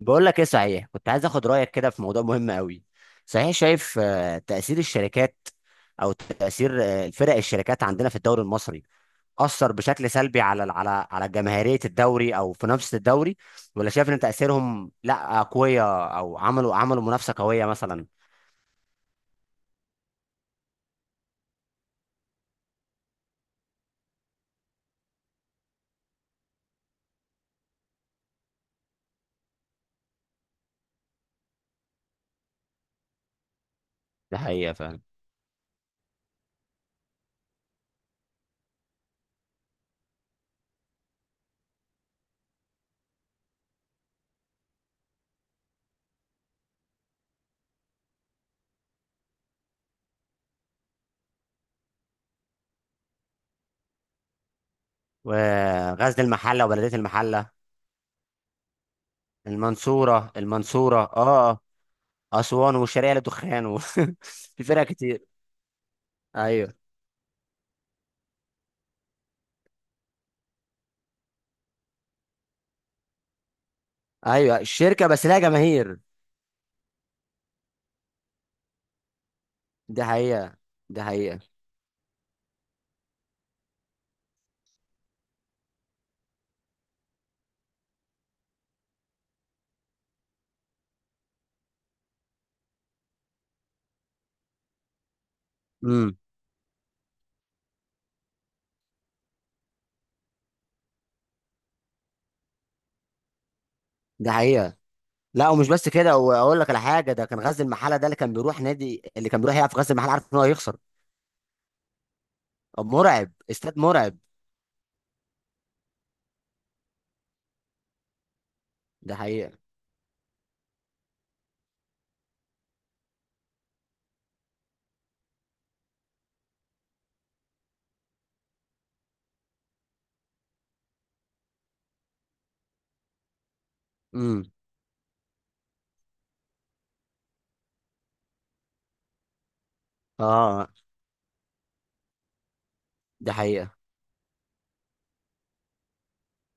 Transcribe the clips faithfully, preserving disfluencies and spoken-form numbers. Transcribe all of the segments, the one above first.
بقول لك ايه، صحيح كنت عايز اخد رايك كده في موضوع مهم قوي. صحيح شايف آه، تاثير الشركات، او تاثير آه، فرق الشركات عندنا في الدوري المصري اثر بشكل سلبي على على على جماهيريه الدوري او منافسه الدوري، ولا شايف ان تاثيرهم لا، قويه، او عملوا عملوا منافسه قويه مثلا؟ ده حقيقة فعلا. وغزل المحله وبلديه المحله. المنصوره المنصوره، اه. اسوان والشرقيه للدخان و. في فرق كتير. ايوه. ايوه، الشركه بس لها جماهير. دي حقيقة. دي حقيقة. امم. دي حقيقة. لا، ومش بس كده، واقول لك على حاجة. ده كان غزل المحلة ده، اللي كان بيروح نادي، اللي كان بيروح يلعب في غزل المحلة عارف ان هو هيخسر. طب مرعب، استاد مرعب. ده حقيقة. امم. اه. ده حقيقة.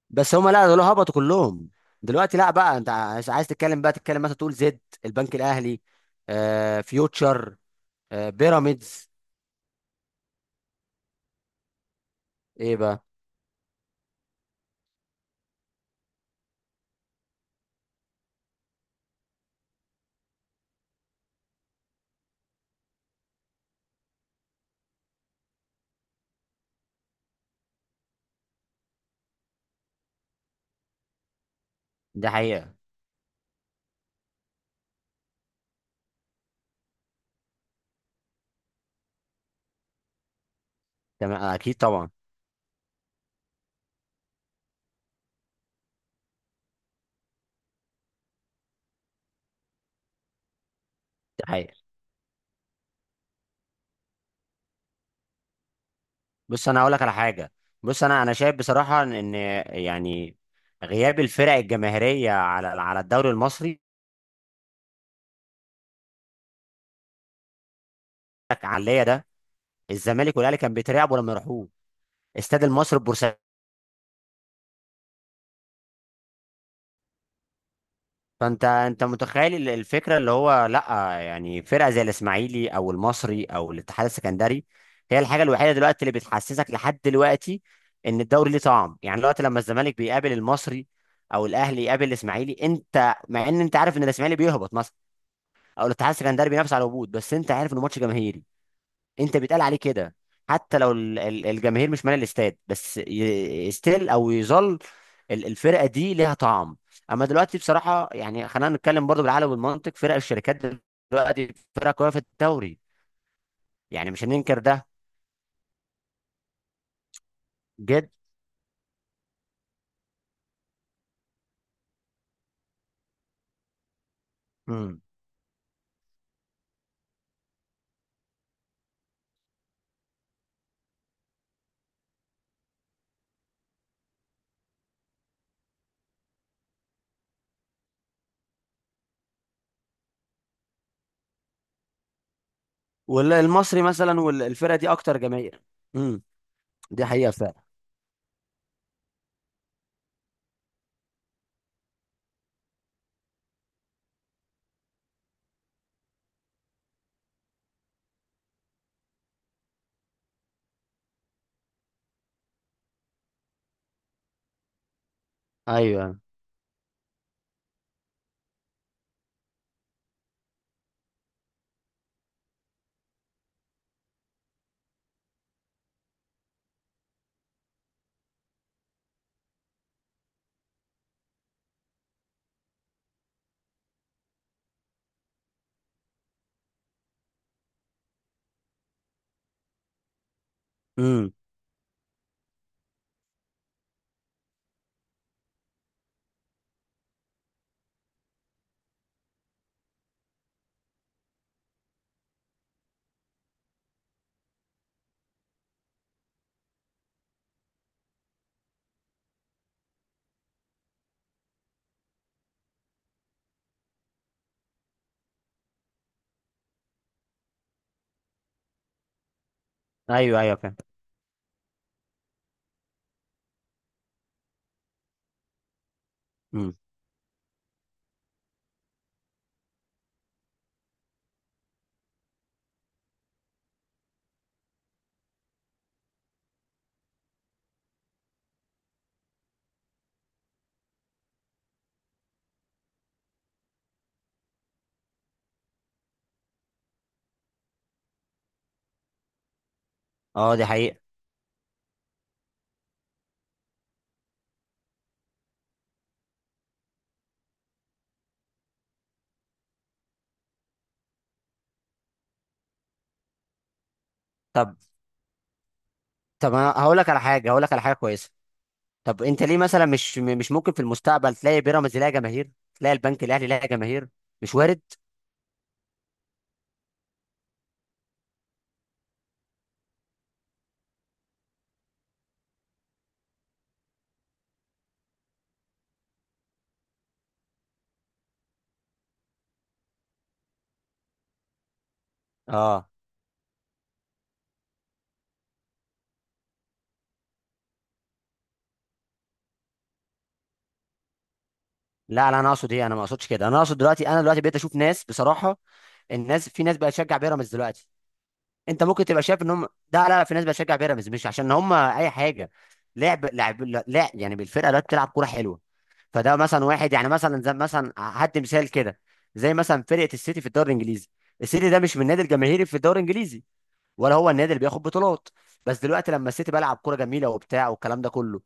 بس هما لا، دول هبطوا كلهم. دلوقتي لا، بقى انت عايز عايز تتكلم، بقى تتكلم مثلا تقول زد، البنك الاهلي، آه فيوتشر، آه بيراميدز. ايه بقى؟ ده حقيقة. تمام، اكيد طبعا. ده حقيقة. بص، انا هقول لك على حاجه. بص، انا انا شايف بصراحه ان، يعني، غياب الفرق الجماهيريه على على الدوري المصري عليا ده. الزمالك والاهلي كان بيترعبوا لما يروحوه استاد المصري البورسعيدي. فانت، انت متخيل ال- الفكره اللي هو لا، يعني فرقه زي الاسماعيلي او المصري او الاتحاد السكندري هي الحاجه الوحيده دلوقتي اللي بتحسسك لحد دلوقتي ان الدوري ليه طعم. يعني دلوقتي لما الزمالك بيقابل المصري، او الاهلي يقابل الاسماعيلي، انت مع ان انت عارف ان الاسماعيلي بيهبط مثلا، او الاتحاد السكندري بينافس على الهبوط، بس انت عارف انه ماتش جماهيري. انت بيتقال عليه كده. حتى لو ال- ال- الجماهير مش مالي الاستاد، بس ستيل او يظل ال- الفرقه دي ليها طعم. اما دلوقتي بصراحه، يعني خلينا نتكلم برضو بالعقل والمنطق، فرق الشركات دلوقتي فرقه قويه في الدوري. يعني مش هننكر ده. جد. امم. والمصري مثلا، والفرقه دي اكتر جماهير. امم. دي حقيقه فعلا. ايوه. امم. ايوه، ايوه، فعلا. امم. اه، دي حقيقه. طب، طب، انا هقول لك على حاجه، هقول لك على حاجه كويسه. طب انت ليه مثلا مش م- مش ممكن في المستقبل تلاقي بيراميدز لها جماهير، تلاقي البنك الاهلي لها جماهير؟ مش وارد؟ اه. لا، لا، انا اقصد ايه؟ انا ما اقصدش كده، انا اقصد دلوقتي انا دلوقتي بقيت اشوف ناس بصراحه. الناس في ناس بقت تشجع بيراميدز دلوقتي. انت ممكن تبقى شايف ان هم. ده لا، لا، في ناس بقت تشجع بيراميدز مش عشان هم اي حاجه. لعب لعب، لا، يعني بالفرقه دلوقتي بتلعب كوره حلوه. فده مثلا واحد، يعني مثلا زي مثلا هدي مثال كده. زي مثلا فرقه السيتي في الدوري الانجليزي، السيتي ده مش من النادي الجماهيري في الدوري الانجليزي، ولا هو النادي اللي بياخد بطولات، بس دلوقتي لما السيتي بلعب كوره جميله وبتاع والكلام ده كله،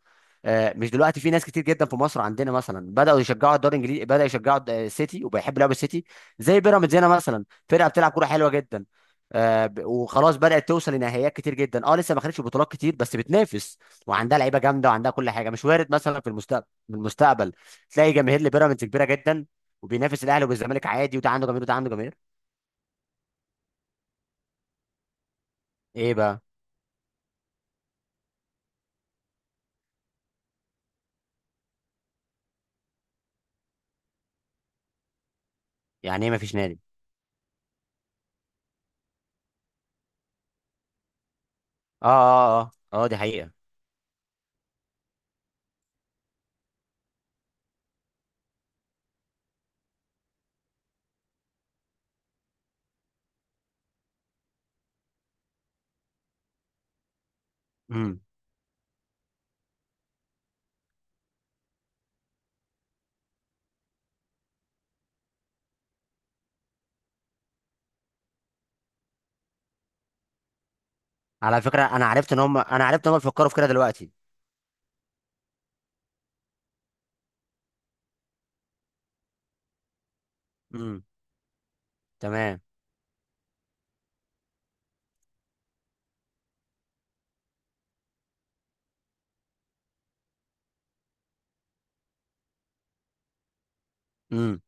آه، مش دلوقتي في ناس كتير جدا في مصر عندنا مثلا بداوا يشجعوا الدوري الانجليزي، بدا يشجعوا الد- السيتي، وبيحب لعب السيتي. زي بيراميدز هنا مثلا، فرقه بتلعب كوره حلوه جدا، آه، ب- وخلاص بدات توصل لنهائيات كتير جدا، اه لسه ما خدتش بطولات كتير بس بتنافس، وعندها لعيبه جامده وعندها كل حاجه. مش وارد مثلا في المستقبل؟ في المستقبل تلاقي جماهير لبيراميدز كبيره جدا، وبينافس الاهلي والزمالك عادي، وده عنده جماهير وده عنده جماهير. ايه بقى؟ يعني ايه ما فيش نادي؟ اه، اه، اه، اه، دي حقيقة. امم. على فكرة، انا عرفت ان هم انا عرفت ان هم بيفكروا في كده دلوقتي. امم. تمام. امم.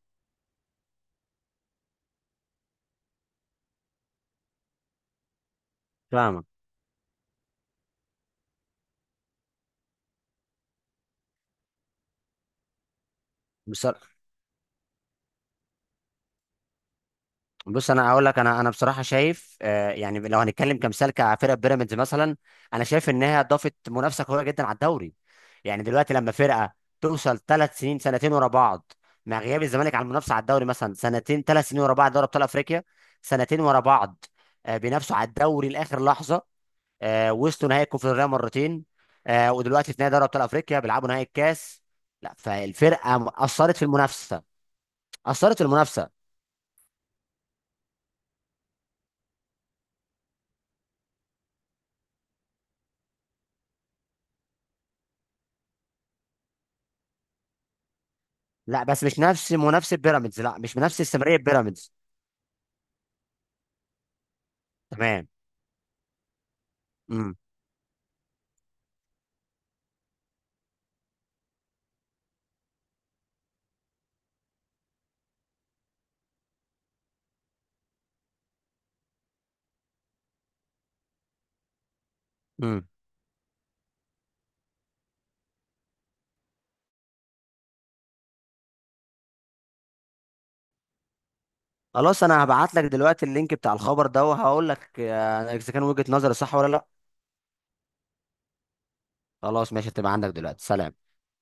فاهمك. بص، بص، انا اقول لك، انا انا بصراحة شايف، آه يعني لو هنتكلم كمثال كفرقة بيراميدز مثلا، انا شايف انها ضافت منافسة قوية جدا على الدوري. يعني دلوقتي لما فرقة توصل ثلاث سنين، سنتين ورا بعض، مع غياب الزمالك عن المنافسة على الدوري مثلا سنتين ثلاث سنين ورا بعض دوري ابطال افريقيا، سنتين ورا بعض، آه بينافسوا على الدوري لاخر لحظة، آه وصلوا نهائي الكونفدراليه مرتين، آه ودلوقتي في نهائي دوري ابطال افريقيا بيلعبوا نهائي الكاس. لا، فالفرقه م- اثرت في المنافسه، اثرت في المنافسه. لا، بس مش نفس منافسه بيراميدز، لا، مش بنفس استمراريه بيراميدز. تمام. امم. امم. خلاص، انا هبعت لك دلوقتي اللينك بتاع الخبر ده، وهقول لك آه، اذا كان وجهه نظري صح ولا لا. خلاص، ماشي، هتبقى عندك دلوقتي. سلام.